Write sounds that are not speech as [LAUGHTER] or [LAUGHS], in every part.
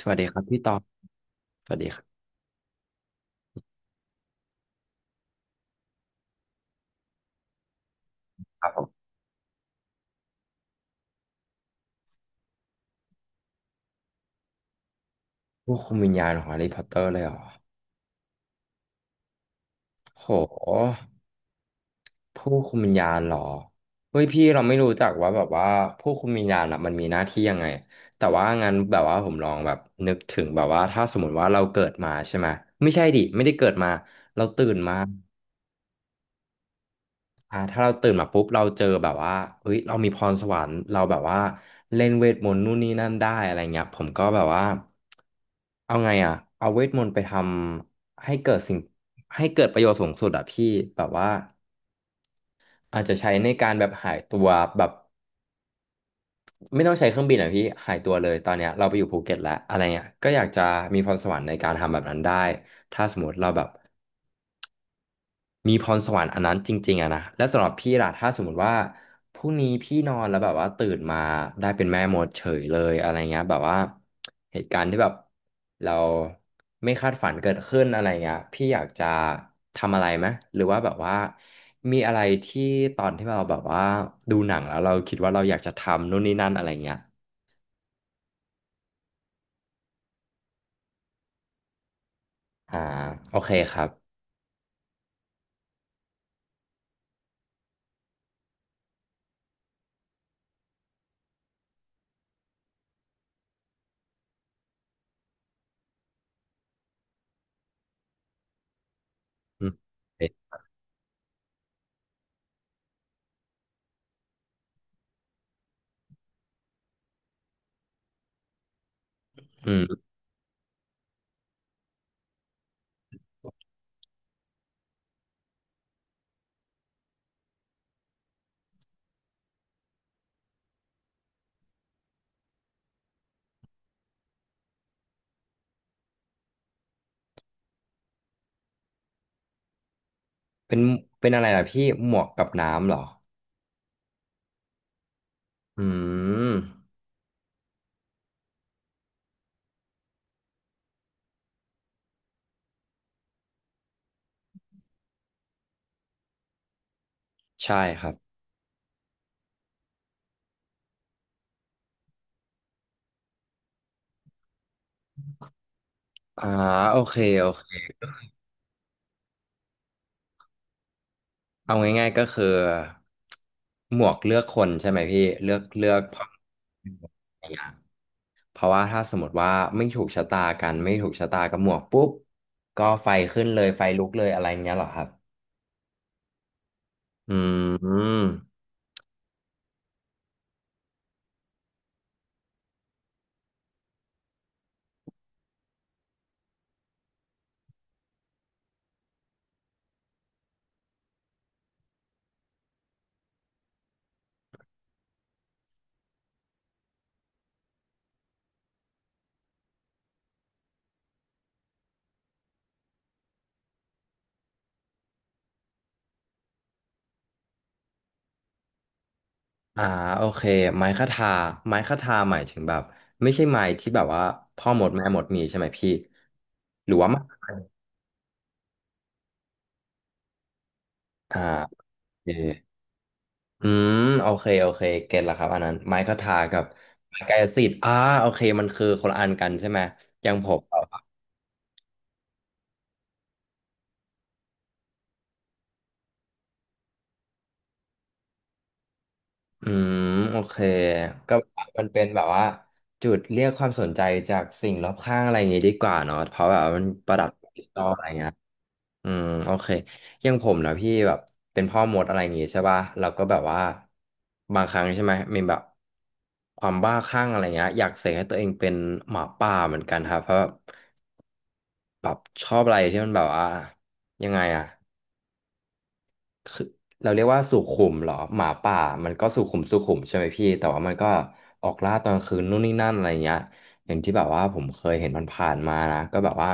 สวัสดีครับพี่ตอบสวัสดีครับครับผมผู้คุมวิญญาณของแฮร์รี่พอตเตอร์เลยเหรอโหผู้คุมวิญญาณเหรอเฮ้ยพี่เราไม่รู้จักว่าแบบว่าผู้คุมวิญญาณอะมันมีหน้าที่ยังไง แต่ว่างั้นแบบว่าผมลองแบบนึกถึงแบบว่าถ้าสมมติว่าเราเกิดมาใช่ไหมไม่ใช่ดิไม่ได้เกิดมา เราตื่นมา ถ้าเราตื่นมาปุ๊บเราเจอแบบว่าเฮ้ยเรามีพรสวรรค์เราแบบว่าเล่นเวทมนต์นู่นนี่นั่นได้อะไรเงี้ยผมก็แบบว่าเอาไงอ่ะเอาเวทมนต์ไปทำให้เกิดสิ่งให้เกิดประโยชน์สูงสุดอ่ะพี่แบบว่าอาจจะใช้ในการแบบหายตัวแบบไม่ต้องใช้เครื่องบินอ่ะพี่หายตัวเลยตอนเนี้ยเราไปอยู่ภูเก็ตแล้วอะไรเงี้ยก็อยากจะมีพรสวรรค์ในการทำแบบนั้นได้ถ้าสมมติเราแบบ มีพรสวรรค์อันนั้นจริงๆอะนะและสำหรับพี่ล่ะถ้าสมมติว่าพรุ่งนี้พี่นอนแล้วแบบว่าตื่นมาได้เป็นแม่มดเฉยเลยอะไรเงี้ยแบบว่าเหตุการณ์ที่แบบเราไม่คาดฝันเกิดขึ้นอะไรเงี้ยพี่อยากจะทำอะไรไหมหรือว่าแบบว่ามีอะไรที่ตอนที่เราแบบว่าดูหนังแล้วเราคิดว่าเราอยากจะทำนู่นนี่นั่นอะไรเงี้ยอ่าโอเคครับอืมเป็นอืมเป็นเป็นอะไรล่ะพี่หมวกกับน้ำเหรออืมใช่ครับ อ่าโอเคโอเคเอาง่ายๆก็คือหมวกเลือกคนใช่ไหมพี่เลือกเลือกเพราะอย่างเงี้ยเพราะว่าถ้าสมมติว่าไม่ถูกชะตากันไม่ถูกชะตากับหมวกปุ๊บก็ไฟขึ้นเลยไฟลุกเลยอะไรเงี้ยเหรอครับอืมอ่าโอเคไม้คทาไม้คทาหมายถึงแบบไม่ใช่ไม้ที่แบบว่าพ่อหมดแม่หมดมีใช่ไหมพี่หรือว่าไม้อ่าโอเค อืมโอเคโอเคเก็ตละครับอันนั้นไม้คทากับไม้กายสิทธิ์โอเคมันคือคนละอันกันใช่ไหมอย่างผมอคอืมโอเคก็มันเป็นแบบว่าจุดเรียกความสนใจจากสิ่งรอบข้างอะไรอย่างงี้ดีกว่าเนาะเพราะแบบว่ามันประดับดิจิตอลอะไรเงี้ยอืมโอเคอย่างผมนะพี่แบบเป็นพ่อมดอะไรอย่างงี้ใช่ป่ะเราก็แบบว่าบางครั้งใช่ไหมมีแบบความบ้าคลั่งอะไรเงี้ยอยากเสกให้ตัวเองเป็นหมาป่าเหมือนกันครับเพราะแบบ แบบชอบอะไรที่มันแบบว่ายังไงอะเราเรียกว่าสุขุมเหรอหมาป่ามันก็สุขุมใช่ไหมพี่แต่ว่ามันก็ออกล่าตอนกลางคืนนู่นนี่นั่นอะไรเงี้ยอย่างที่แบบว่าผมเคยเห็นมันผ่านๆมานะก็แบบว่า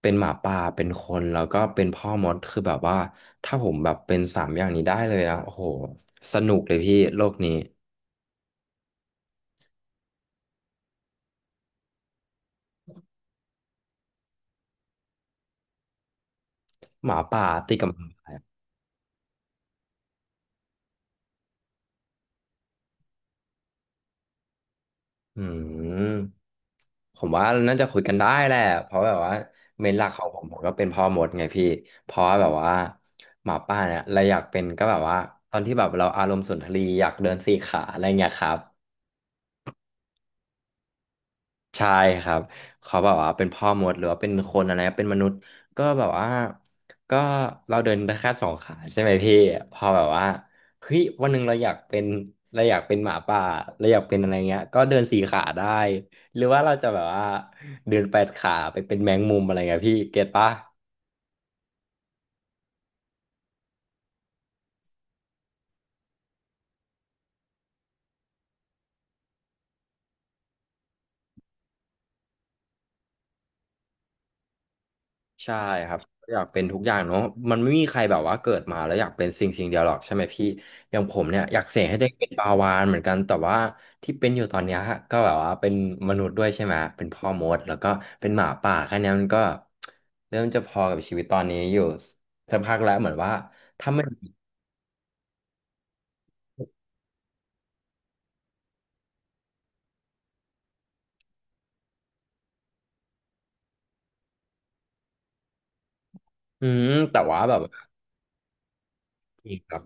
เป็นหมาป่าเป็นคนแล้วก็เป็นพ่อมดคือแบบว่าถ้าผมแบบเป็นสามอย่างนี้ได้เลยนะโอ้โหสนุกเลยพี่โลกนี้หมาป่าติดกับหมาป่าอืม ผมว่าน่าจะคุยกันได้แหละเพราะแบบว่าเมนหลักของผมก็เป็นพ่อมดไงพี่ เพราะว่าแบบว่าหมาป่าเนี่ยเราอยากเป็นก็แบบว่าตอนที่แบบเราอารมณ์สุนทรีย์อยากเดินสี่ขาอะไรเงี้ยครับ ใช่ครับเขาแบบว่าเป็นพ่อมดหรือว่าเป็นคนอะไรเป็นมนุษย์ก็แบบว่าก็เราเดินได้แค่สองขาใช่ไหมพี่พอแบบว่าเฮ้ยวันหนึ่งเราอยากเป็นหมาป่าเราอยากเป็นอะไรเงี้ยก็เดินสี่ขาได้หรือว่าเราจะแบบว่าเดินแปดขาไปเป็นแมงมุมอะไรเงี้ยพี่เก็ตปะ ใช่ครับอยากเป็นทุกอย่างเนาะมันไม่มีใครแบบว่าเกิดมาแล้วอยากเป็นสิ่งเดียวหรอกใช่ไหมพี่อย่างผมเนี่ยอยากเสกให้ตัวเองเป็นปลาวาฬเหมือนกันแต่ว่าที่เป็นอยู่ตอนเนี้ยก็แบบว่าเป็นมนุษย์ด้วยใช่ไหมเป็นพ่อมดแล้วก็เป็นหมาป่าแค่เนี้ยมันก็เริ่มจะพอกับชีวิตตอนนี้อยู่สักพักแล้วเหมือนว่าถ้าไม่อืมแต่ว่าแบบว่าพี่ครับ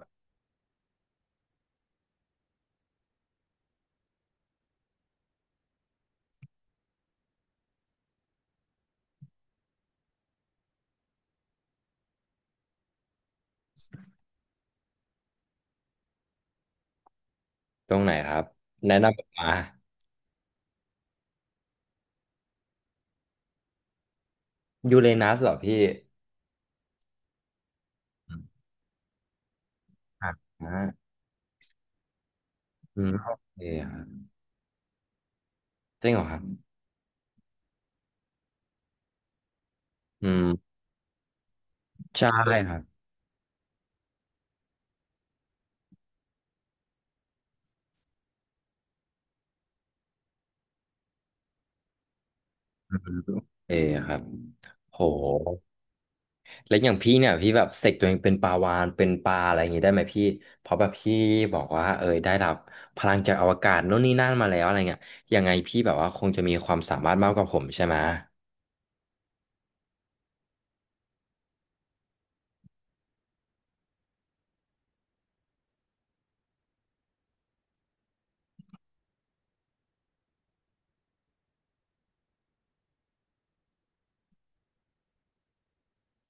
ตรงไหนครับแนะนำมายูเรนัสเหรอพี่อืมอ่าอืมโอเคครับจริงเหรอครับอืมใช่ครับ เออครับโหแล้วอย่างพี่เนี่ยพี่แบบเสกตัวเองเป็นปลาวาฬเป็นปลาอะไรอย่างงี้ได้ไหมพี่เพราะแบบพี่บอกว่าเออได้รับพลังจากอวกาศโน่นนี่นั่นมาแล้วอะไรเงี้ยยังไงพี่แบบว่าคงจะมีความสามารถมากกว่าผมใช่ไหม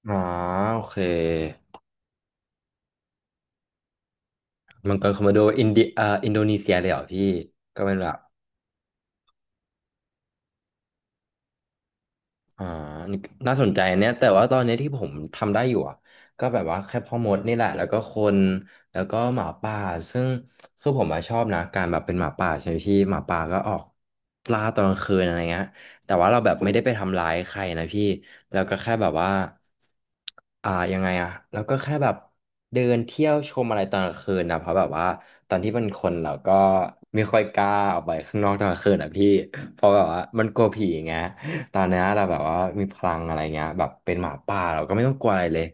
อ๋อโอเคมังกรคอมโมโดอินเดียอินโดนีเซียเลยเหรอพี่ก็เป็นแบบ อ่านี่น่าสนใจเนี่ยแต่ว่าตอนนี้ที่ผมทำได้อยู่อะก็แบบว่าแค่พ่อมดนี่แหละ แล้วก็คนแล้วก็หมาป่าซึ่งคือผมอะชอบนะการแบบเป็นหมาป่าใช่ไหมพี่หมาป่าก็ออกปลาตอนกลางคืนอะไรเงี้ยแต่ว่าเราแบบไม่ได้ไปทำร้ายใครนะพี่ แล้วก็แค่แบบว่าอ่ายังไงอะแล้วก็แค่แบบเดินเที่ยวชมอะไรตอนกลางคืนนะเพราะแบบว่าตอนที่เป็นคนเราก็ไม่ค่อยกล้าออกไปข้างนอกตอนกลางคืนอะพี่เพราะแบบว่ามันกลัวผีไง ตอนเนี้ยเราแบบว่ามีพลังอะไรเงี้ยแบบเป็นหมาป่าเราก็ไม่ต้องกลัวอะไรเลย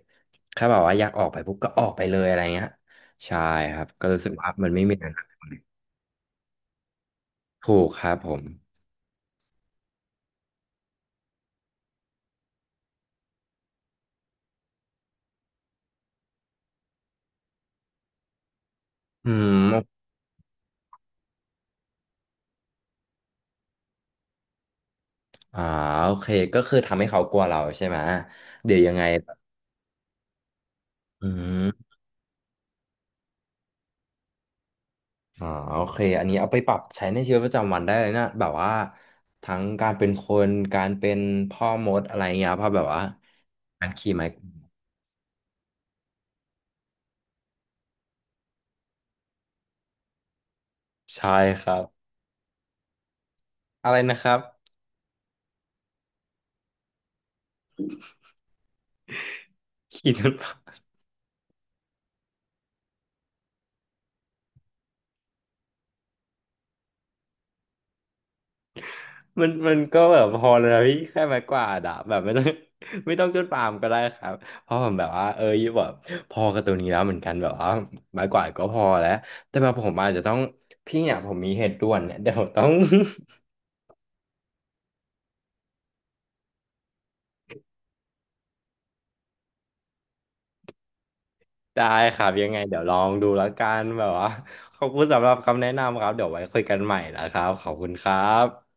แค่แบบว่าอยากออกไปปุ๊บก็ออกไปเลยอะไรเงี้ยใช่ครับก็รู้สึกว่ามันไม่มีอะไรน่ากลัวเลยถูกครับผมอืมอ่าโอเคก็คือทำให้เขากลัวเราใช่ไหมเดี๋ยวยังไงแบบอืมอ่าโอเคอันนี้เอาไปปรับใช้ในชีวิตประจำวันได้เลยนะแบบว่าทั้งการเป็นคนการเป็นพ่อมดอะไรเงี้ยเพราะแบบว่าการขี่ไม้ใช่ครับอะไรนะครับขี่รถ มันมันก็แบบพอเลยนะพี่แค่ไม้กวาดอะแบบไม่ต้อง [LAUGHS] ไม่ต้องจนปามก็ได้ครับเพราะผมแบบว่าเออแบบพอกับตัวนี้แล้วเหมือนกันแบบว่าไม้กวาดก็พอแล้วแต่แบบผมอาจจะต้องพี่เนี่ยผมมีเหตุด่วนเนี่ยเดี๋ยวผมต้อง [LAUGHS] ได้ครับยังไงเดี๋ยวลองดูแล้วกันแบบว่าขอบคุณสำหรับคำแนะนำครับเดี๋ยวไว้คุยกันใหม่นะครับขอบคุณครับ